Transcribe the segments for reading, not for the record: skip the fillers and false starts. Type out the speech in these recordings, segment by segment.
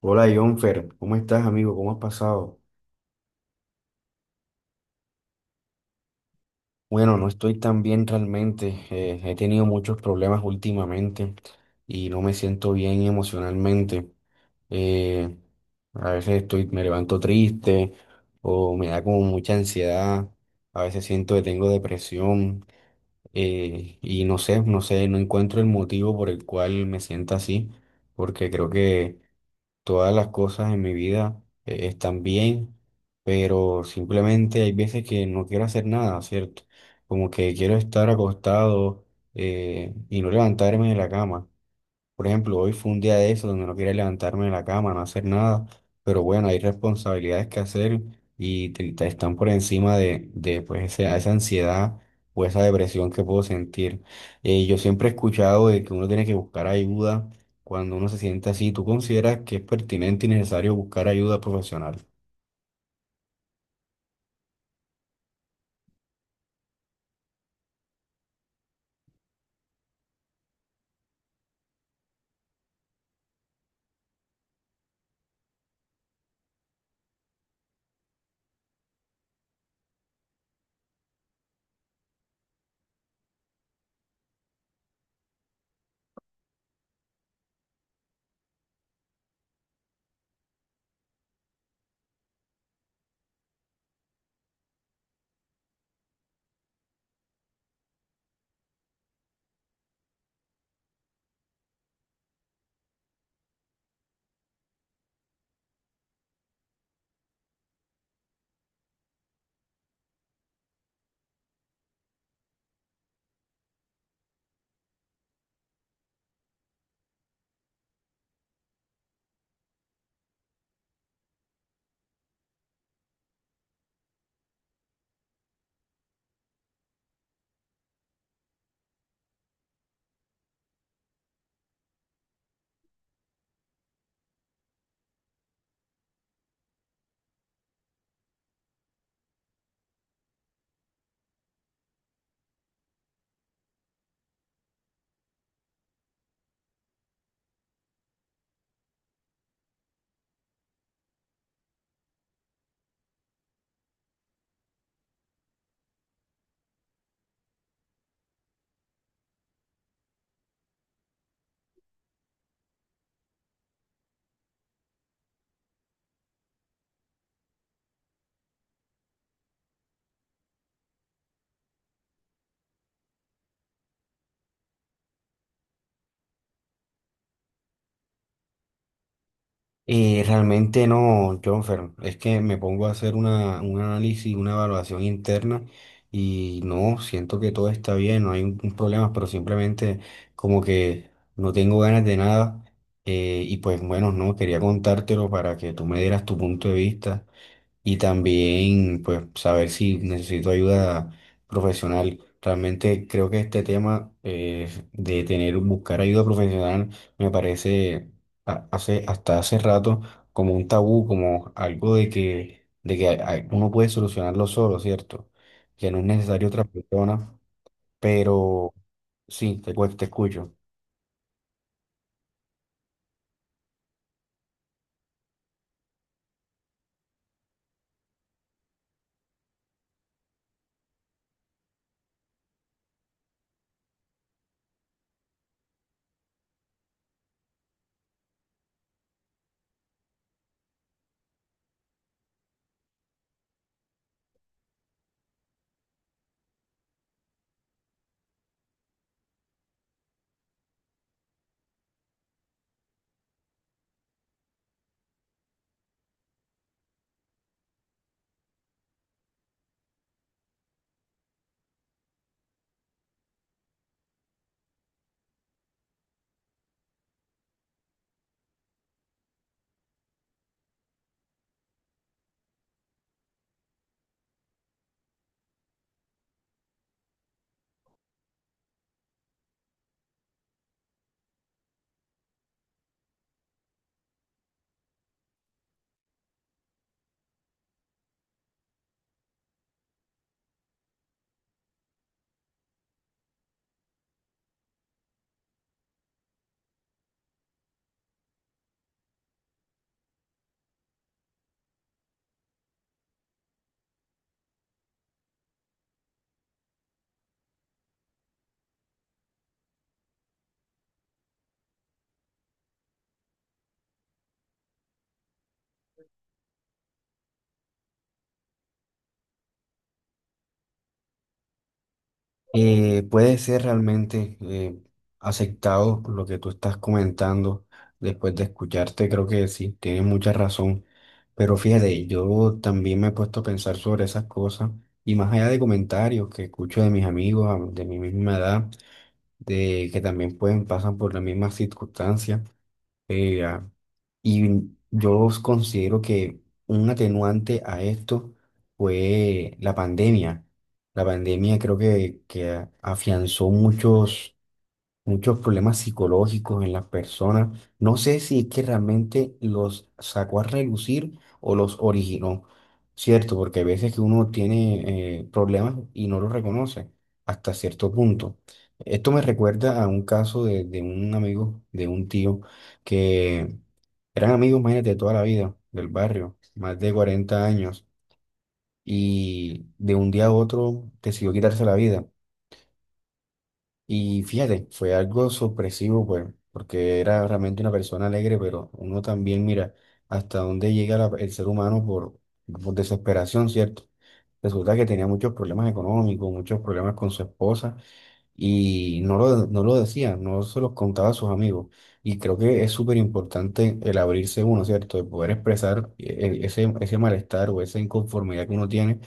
Hola, Jonfer, ¿cómo estás, amigo? ¿Cómo has pasado? Bueno, no estoy tan bien realmente. He tenido muchos problemas últimamente y no me siento bien emocionalmente. eh, a veces estoy, me levanto triste o me da como mucha ansiedad. A veces siento que tengo depresión. Y no sé, no encuentro el motivo por el cual me siento así, porque creo que todas las cosas en mi vida están bien, pero simplemente hay veces que no quiero hacer nada, ¿cierto? Como que quiero estar acostado y no levantarme de la cama. Por ejemplo, hoy fue un día de eso donde no quería levantarme de la cama, no hacer nada, pero bueno, hay responsabilidades que hacer y te están por encima de pues, esa ansiedad o esa depresión que puedo sentir. Yo siempre he escuchado de que uno tiene que buscar ayuda cuando uno se siente así. ¿Tú consideras que es pertinente y necesario buscar ayuda profesional? Realmente no, Jonfer. Es que me pongo a hacer una, un análisis, una evaluación interna y no, siento que todo está bien, no hay un problema, pero simplemente como que no tengo ganas de nada. Y pues bueno, no, quería contártelo para que tú me dieras tu punto de vista y también pues saber si necesito ayuda profesional. Realmente creo que este tema de tener, buscar ayuda profesional me parece hace, hasta hace rato como un tabú, como algo de que uno puede solucionarlo solo, ¿cierto? Que no es necesario otra persona, pero sí, te, te escucho. Puede ser realmente aceptado lo que tú estás comentando. Después de escucharte, creo que sí, tienes mucha razón, pero fíjate, yo también me he puesto a pensar sobre esas cosas y más allá de comentarios que escucho de mis amigos de mi misma edad, de que también pueden pasan por las mismas circunstancias. Eh, ah, y yo os considero que un atenuante a esto fue la pandemia. La pandemia creo que afianzó muchos muchos problemas psicológicos en las personas. No sé si es que realmente los sacó a relucir o los originó, ¿cierto? Porque hay veces que uno tiene problemas y no los reconoce hasta cierto punto. Esto me recuerda a un caso de un amigo, de un tío, que eran amigos, imagínate, de toda la vida, del barrio, más de 40 años, y de un día a otro decidió quitarse la vida. Y fíjate, fue algo sorpresivo, pues, porque era realmente una persona alegre, pero uno también mira hasta dónde llega el ser humano por desesperación, ¿cierto? Resulta que tenía muchos problemas económicos, muchos problemas con su esposa y no lo decía, no se los contaba a sus amigos. Y creo que es súper importante el abrirse uno, ¿cierto? El poder expresar ese malestar o esa inconformidad que uno tiene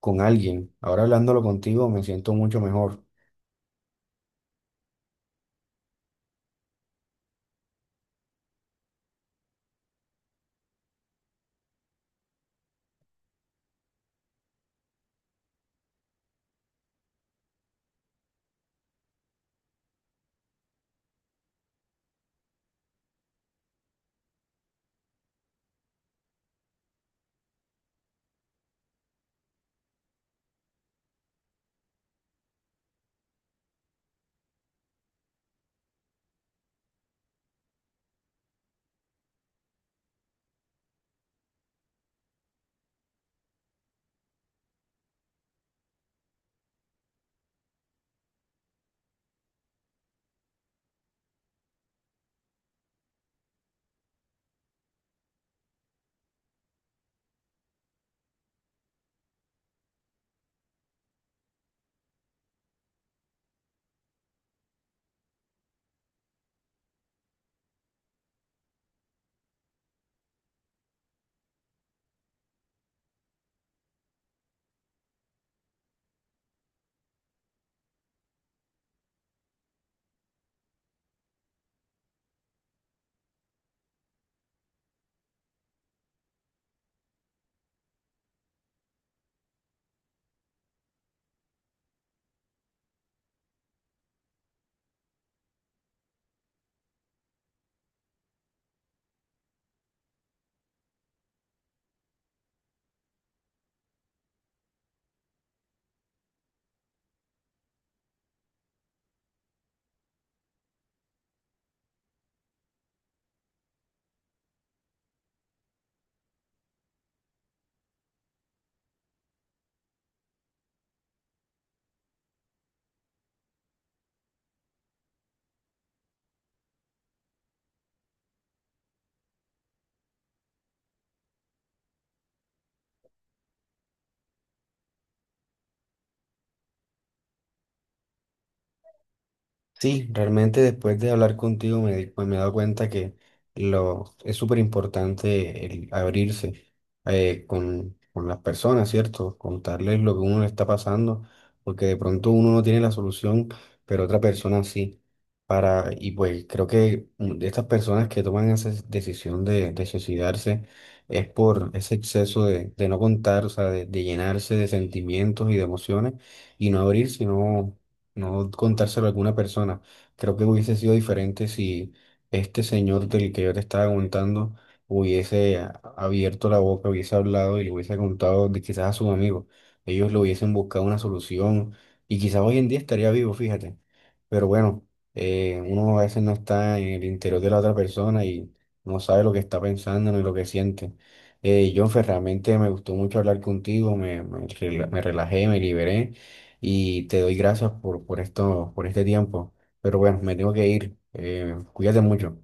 con alguien. Ahora hablándolo contigo me siento mucho mejor. Sí, realmente después de hablar contigo me, pues me he dado cuenta que lo, es súper importante el abrirse con las personas, ¿cierto? Contarles lo que uno le está pasando, porque de pronto uno no tiene la solución, pero otra persona sí. Para, y pues creo que de estas personas que toman esa decisión de suicidarse es por ese exceso de no contar, o sea, de llenarse de sentimientos y de emociones y no abrir, sino no contárselo a alguna persona. Creo que hubiese sido diferente si este señor del que yo te estaba contando hubiese a- abierto la boca, hubiese hablado y le hubiese contado de quizás a sus amigos. Ellos le hubiesen buscado una solución y quizás hoy en día estaría vivo, fíjate. Pero bueno, uno a veces no está en el interior de la otra persona y no sabe lo que está pensando ni lo que siente. Jonfer, realmente me gustó mucho hablar contigo, me, me relajé, me liberé y te doy gracias por esto, por este tiempo. Pero bueno, me tengo que ir. Cuídate mucho.